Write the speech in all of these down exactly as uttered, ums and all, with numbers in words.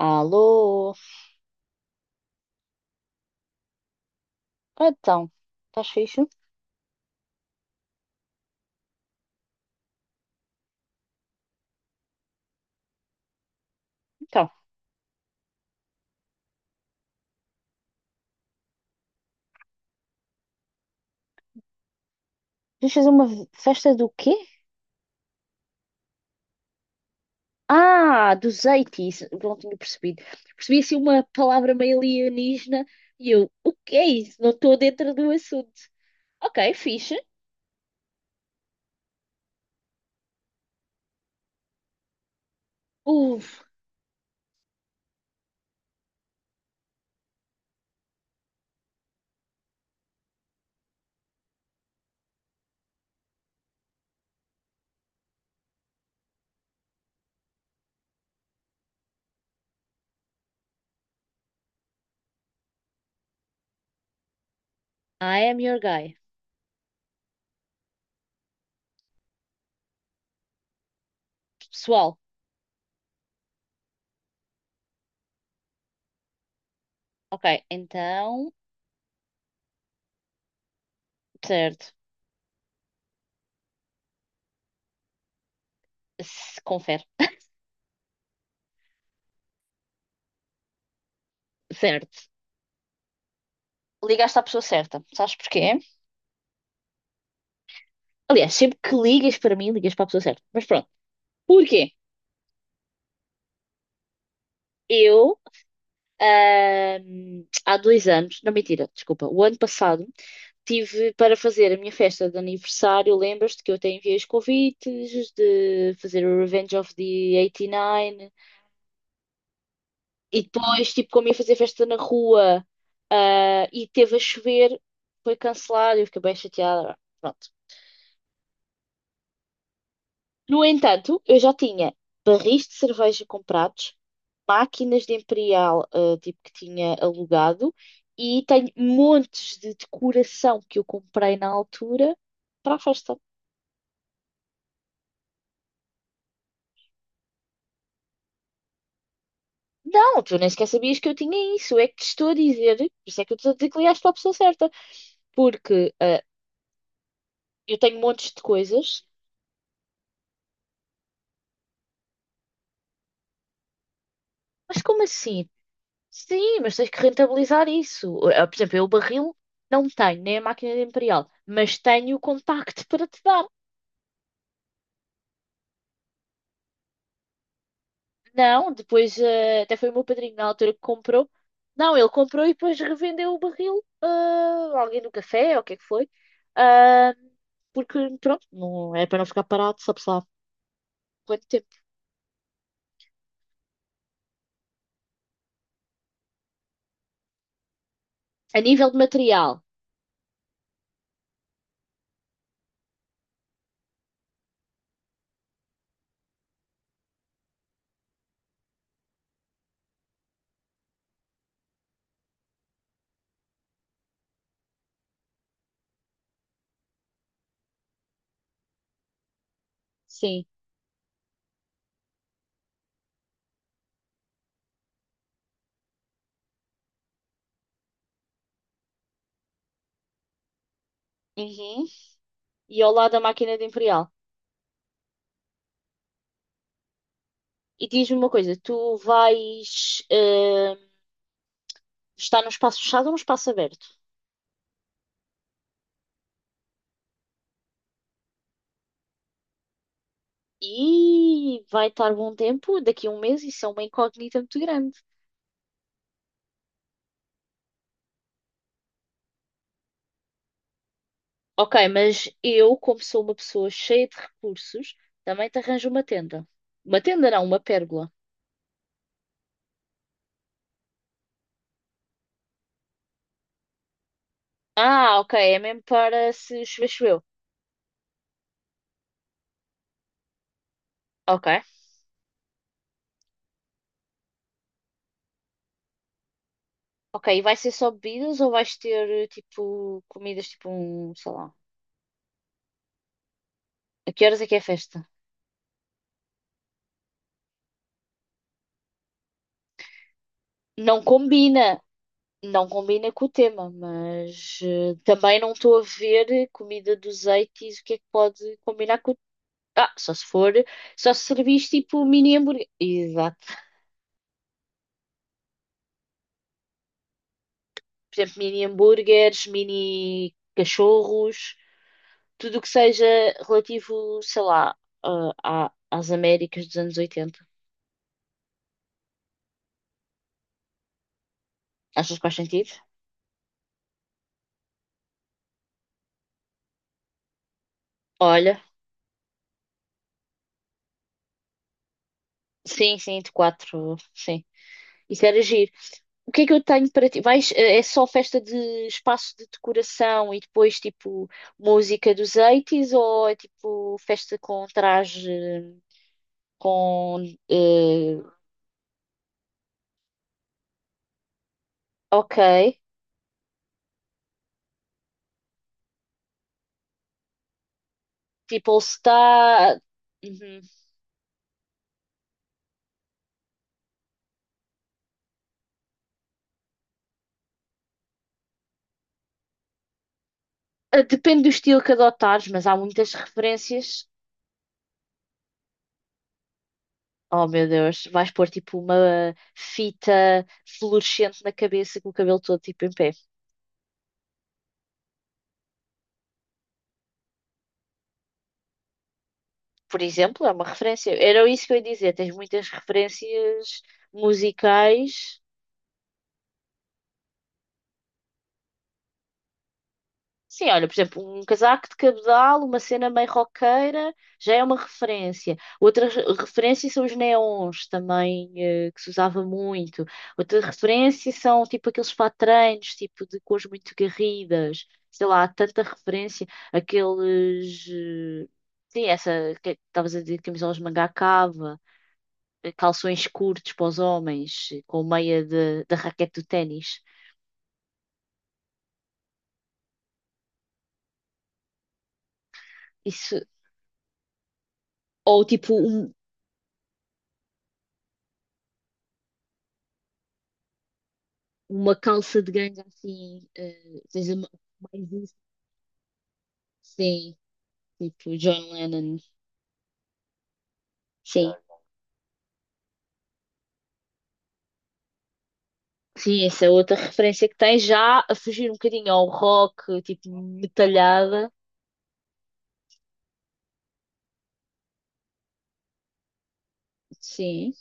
Alô? Então, estás fixe? Então, vamos fazer uma festa do quê? Ah, dos oitenta. Não tinha percebido. Percebi assim uma palavra meio alienígena e eu, o que é isso? Não estou dentro do assunto. Ok, fixe. Uf, I am your guy. Pessoal, ok, então, certo. S- Confere, certo. Ligaste à pessoa certa. Sabes porquê? Aliás, sempre que ligas para mim, ligas para a pessoa certa. Mas pronto, porquê? Eu. Ahm, há dois anos, não mentira, desculpa, o ano passado tive para fazer a minha festa de aniversário. Lembras-te que eu até enviei os convites de fazer o Revenge of the oitenta e nove e nove? E depois, tipo, como ia fazer festa na rua, ah, e teve a chover, foi cancelado. Eu fiquei bem chateada. Pronto. No entanto, eu já tinha barris de cerveja comprados, máquinas de Imperial, eh, tipo que tinha alugado, e tenho montes de decoração que eu comprei na altura para a festa. Não, tu nem sequer sabias que eu tinha isso, é que te estou a dizer, por isso é que eu estou a dizer que ligaste para a pessoa certa, porque eh, eu tenho montes de coisas, mas como assim? Sim, mas tens que rentabilizar isso. Eh, Por exemplo, eu o barril não tenho, nem a máquina de Imperial, mas tenho o contacto para te dar. Não, depois eh, até foi o meu padrinho na altura que comprou. Não, ele comprou e depois revendeu o barril ah, a alguém no café, ou o que é que foi. Ah, porque, pronto, não, é para não ficar parado, sabe-se lá quanto tempo. A nível de material, sim. Uhum. E ao lado da máquina de Imperial. E diz-me uma coisa, tu vais. eh, Está num espaço fechado ou num espaço aberto. E vai estar bom tempo, daqui a um mês, isso é uma incógnita muito grande. Ok, mas eu, como sou uma pessoa cheia de recursos, também te arranjo uma tenda. Uma tenda não, uma pérgola. Ah, ok, é mesmo para se chover, choveu. Ok. Ok, e vai ser só bebidas ou vais ter, tipo, comidas, tipo, um, sei lá. A que horas é que é a festa? Não combina! Não combina com o tema, mas eh, também não estou a ver comida dos oitenta o que é que pode combinar com. o- Ah, só se for, só se servis tipo mini hambúrguer. Exato. Por exemplo, mini hambúrgueres, mini cachorros, tudo o que seja relativo, sei lá, a- a- às Américas dos anos oitenta. Achas que faz sentido? Olha, sim, sim, de quatro, sim. Isso era giro. O que é que eu tenho para ti? Vais, eh, é só festa de espaço de decoração e depois tipo música dos oitenta ou é tipo festa com traje com eh, ok, tipo All Star. Uhum. Eh, Depende do estilo que adotares, mas há muitas referências. Oh meu Deus, vais pôr tipo uma fita fluorescente na cabeça com o cabelo todo tipo em pé. Por exemplo, é uma referência. Era isso que eu ia dizer. Tens muitas referências musicais. Sim, olha, por exemplo, um casaco de cabedal, uma cena meio roqueira, já é uma referência. Outra re- referência são os neons também, eh, que se usava muito. Outra referência são tipo aqueles patranhos, tipo de cores muito garridas. Sei lá, há tanta referência. Aqueles. eh, sim, essa que estavas a dizer, camisolas de manga à cava, eh, calções curtos para os homens, eh, com meia de- da raquete do ténis. Isso, ou tipo um- uma calça de ganga assim, eh, seja ma- mais isso. Sim, tipo John Lennon. Sim. Ok. Sim, essa é outra referência que tem já a fugir um bocadinho ao rock, tipo metalhada. Sim,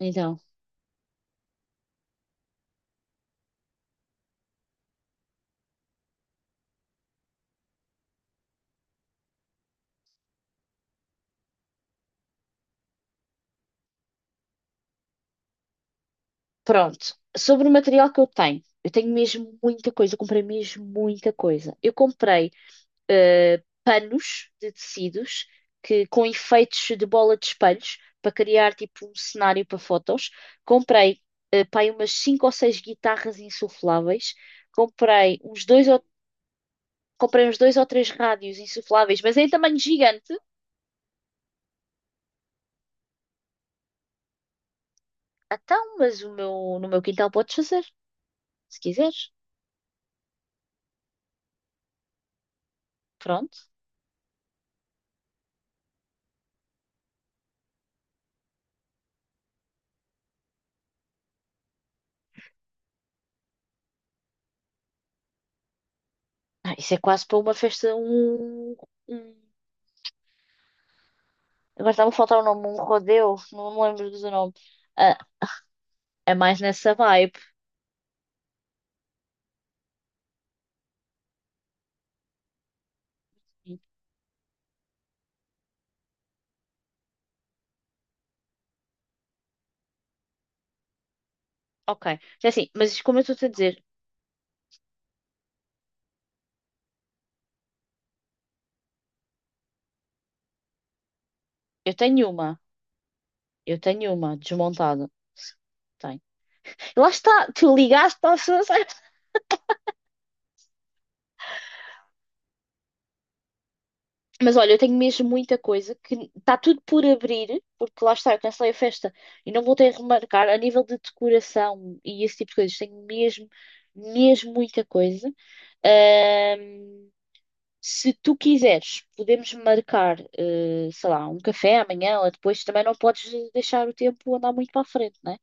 então, pronto. Sobre o material que eu tenho, eu tenho mesmo muita coisa, eu comprei mesmo muita coisa. Eu comprei eh, panos de tecidos que com efeitos de bola de espelhos para criar tipo um cenário para fotos. Comprei eh, pá, aí umas cinco ou seis guitarras insufláveis. Comprei uns dois ou comprei uns dois ou três rádios insufláveis, mas é em tamanho gigante. Então, mas o meu no meu quintal podes fazer, se quiseres. Pronto. Ah, isso é quase para uma festa, um, um- Agora estava a faltar o nome, um rodeo, não me lembro do nome. Ah, é mais nessa vibe. Ok. É assim, mas como eu estou-te a dizer, eu tenho uma, eu tenho uma desmontada. Tenho. Lá está, tu ligaste para a pessoa certa. Mas olha, eu tenho mesmo muita coisa que está tudo por abrir, porque lá está, eu cancelei a festa e não voltei a remarcar. A nível de decoração e esse tipo de coisas, tenho mesmo, mesmo muita coisa. Ahm, Se tu quiseres, podemos marcar, eh, sei lá, um café amanhã ou depois. Também não podes deixar o tempo andar muito para a frente, né?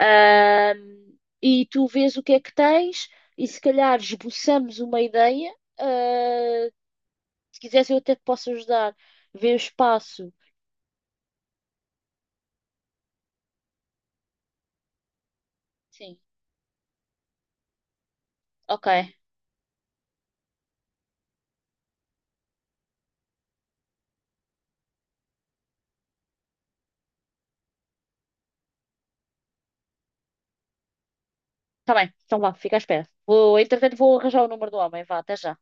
Ahm, e tu vês o que é que tens e se calhar esboçamos uma ideia. Ah, se quiseres, eu até te posso ajudar. Ver o espaço. Sim, ok. Está bem, então vá, fica à espera. Vou, entretanto, vou arranjar o número do homem. Vá, até já.